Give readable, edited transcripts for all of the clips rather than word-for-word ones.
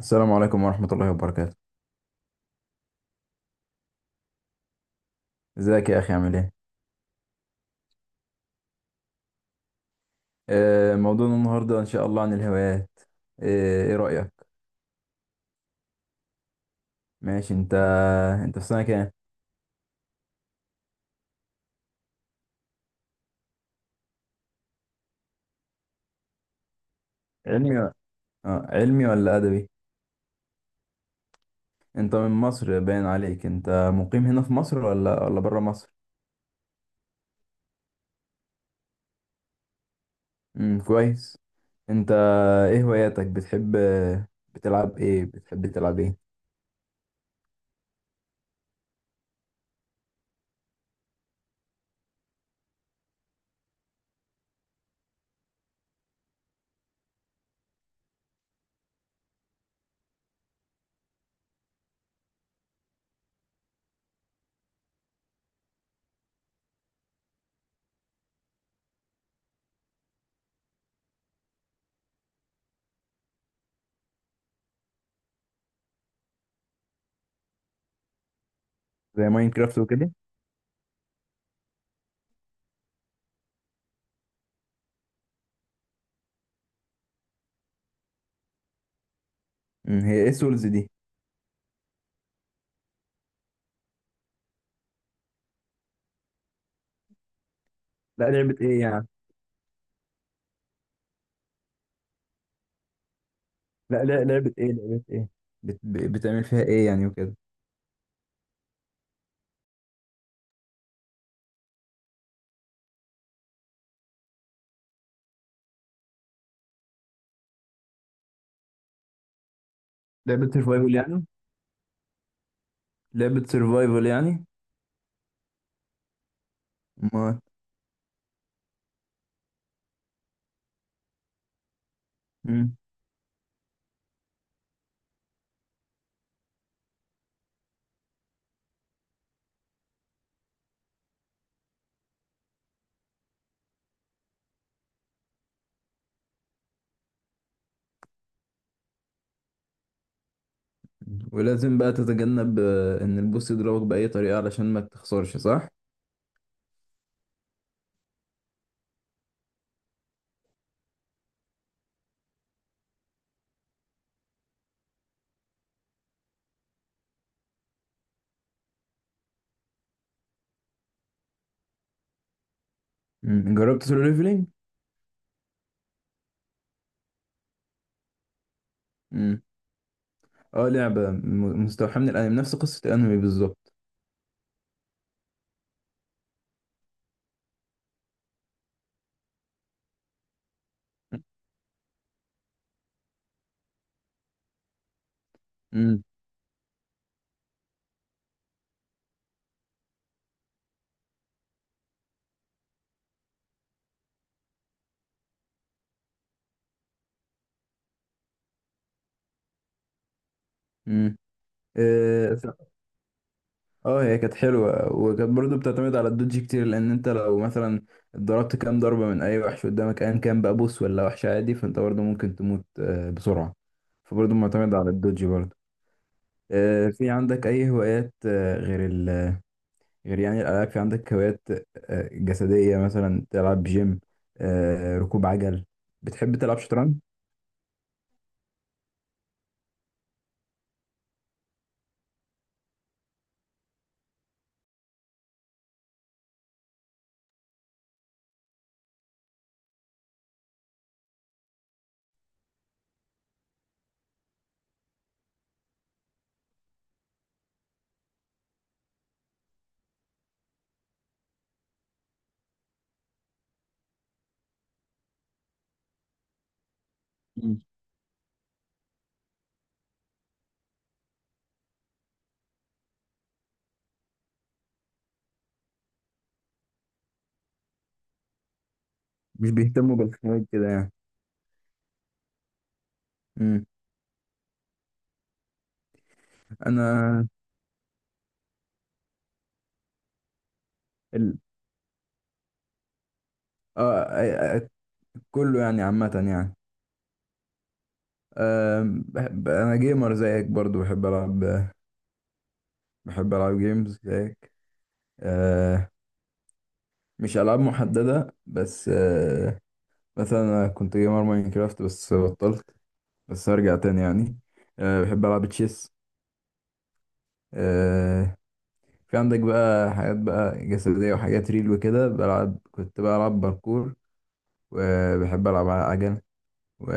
السلام عليكم ورحمة الله وبركاته. ازيك يا أخي؟ عامل ايه؟ موضوعنا النهاردة إن شاء الله عن الهوايات. ايه رأيك؟ ماشي. انت انت في سنة كام؟ علمي و... علمي ولا أدبي؟ انت من مصر، باين عليك. انت مقيم هنا في مصر ولا برا مصر؟ كويس. انت ايه هواياتك؟ بتحب، بتلعب ايه؟ بتحب تلعب ايه؟ زي ماينكرافت وكده؟ هي ايه سولز دي؟ لا، لعبة ايه يعني؟ لا لعبة ايه؟ لعبة ايه؟ بتعمل فيها ايه يعني وكده؟ لعبة سرفايفل يعني؟ لعبة سرفايفل يعني. ما مم. ولازم بقى تتجنب ان البوس يضربك بأي طريقة علشان ما تخسرش، صح؟ مم. جربت سولو ليفلينج؟ مم. اه، لعبة مستوحاة من الانمي، نفس قصة الانمي بالظبط. مم. مم. اه ف- هي كانت حلوة، وكانت برضو بتعتمد على الدوج كتير، لان انت لو مثلا ضربت كام ضربة من اي وحش قدامك، ايا كان بقى بوس ولا وحش عادي، فانت برضو ممكن تموت بسرعة. فبرضو معتمد على الدوج برضو. في عندك أي هوايات غير ال غير يعني الألعاب؟ في عندك هوايات جسدية؟ مثلا تلعب جيم، ركوب عجل؟ بتحب تلعب شطرنج؟ مم. مش بيهتموا بالحاجات كده يعني. مم. أنا ال... آه آه، آه، كله يعني عامة يعني. بحب، أنا جيمر زيك برضو. بحب ألعب بحب ألعب جيمز زيك. آه، مش ألعاب محددة بس. آه، مثلا أنا كنت جيمر ماينكرافت بس بطلت. بس ارجع تاني يعني. أه، بحب العب تشيس. أه، في عندك بقى حاجات بقى جسدية وحاجات ريل وكده. بلعب، كنت بلعب باركور، وبحب العب على عجل. و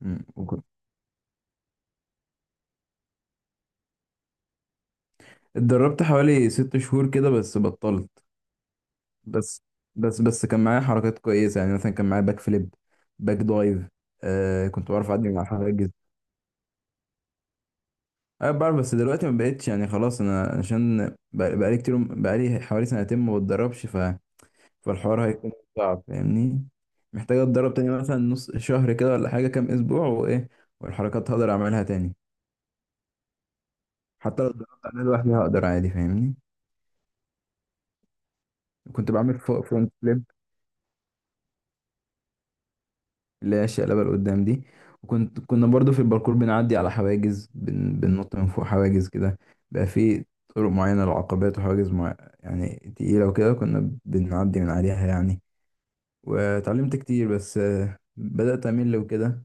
مم، وكنت اتدربت حوالي 6 شهور كده بس بطلت. بس بس كان معايا حركات كويسة، يعني مثلا كان معايا باك فليب، باك دايف. أه، كنت بعرف اعدي من على الحواجز. انا بعرف، بس دلوقتي ما بقتش يعني. خلاص انا عشان بقالي كتير، بقالي حوالي سنتين ما بتدربش. فالحوار هيكون صعب، فاهمني؟ محتاج اتدرب تاني مثلا نص شهر كده ولا حاجة، كام اسبوع وايه، والحركات هقدر اعملها تاني. حتى لو اتدربت عليها لوحدي هقدر عادي، فاهمني؟ كنت بعمل فوق فرونت فليب، اللي هي الشقلبة لقدام دي. وكنت، كنا برضو في الباركور بنعدي على حواجز، بننط من فوق حواجز كده. بقى في طرق معينة للعقبات وحواجز يعني تقيلة وكده، كنا بنعدي من عليها يعني. واتعلمت كتير، بس بدأت أمل وكده.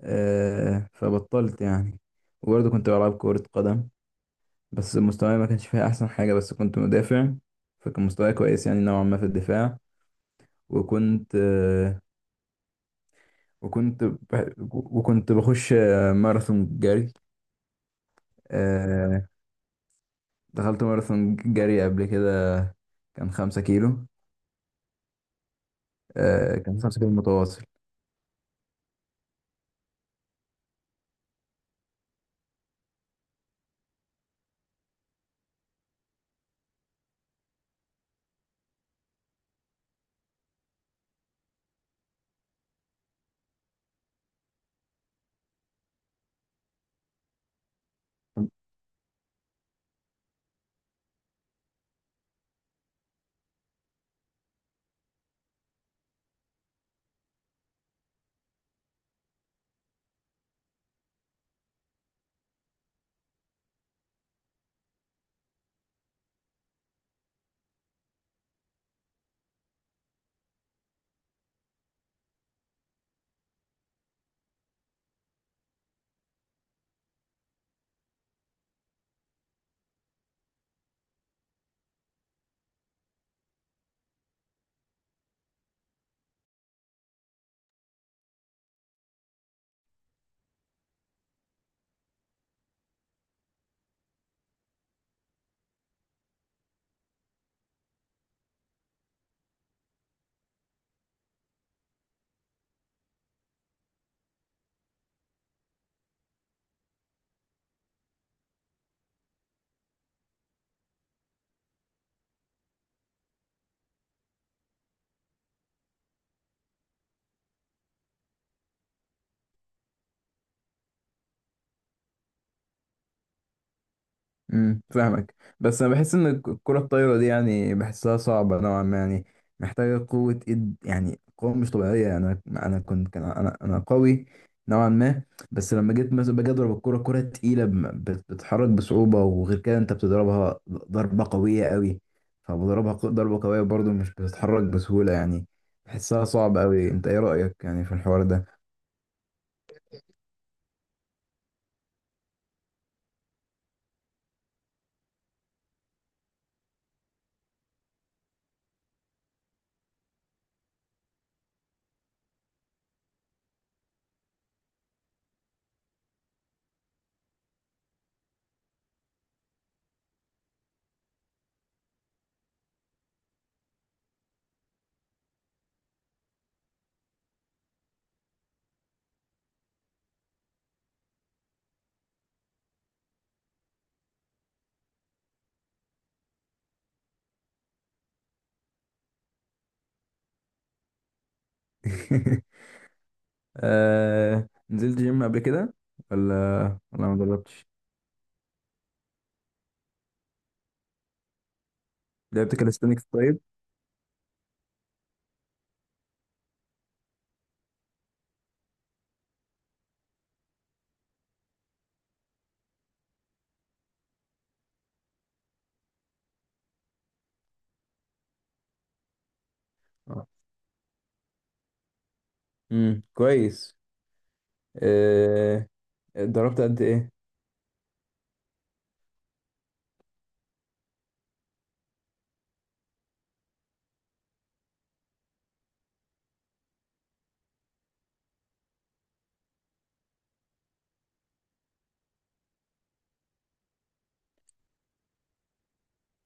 فبطلت يعني. وبرضه كنت بلعب كرة قدم، بس مستواي ما كانش فيها أحسن حاجة، بس كنت مدافع، فكان مستواي كويس يعني نوعا ما في الدفاع. وكنت وكنت بخش ماراثون جري. آه، دخلت ماراثون جري قبل كده، كان 5 كيلو. كان 5 كيلو متواصل. امم، فاهمك. بس انا بحس ان الكرة الطايرة دي يعني بحسها صعبة نوعا ما يعني. محتاجة قوة ايد، يعني قوة مش طبيعية. انا كنت، كان انا قوي نوعا ما، بس لما جيت مثلا باجي اضرب الكرة، كرة تقيلة، بتتحرك بصعوبة. وغير كده انت بتضربها ضربة قوية قوي، فبضربها ضربة قوية برضو، مش بتتحرك بسهولة يعني. بحسها صعبة قوي. انت ايه رأيك يعني في الحوار ده؟ آه... نزلت جيم قبل كده ولا ما جربتش؟ لعبت كاليستانكس طيب؟ اه. امم، كويس. آه، اتدربت قد ايه؟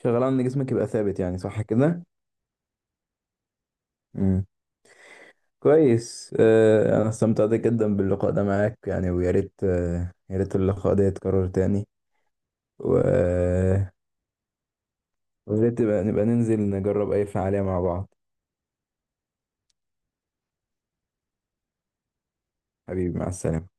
شغال على ان جسمك يبقى ثابت يعني، صح كده؟ امم، كويس. آه، انا استمتعت جدا باللقاء ده معاك يعني، ويا ريت يا ريت اللقاء ده يتكرر تاني. و- آه، ويا ريت نبقى ننزل نجرب اي فعالية مع بعض. حبيبي، مع السلامة.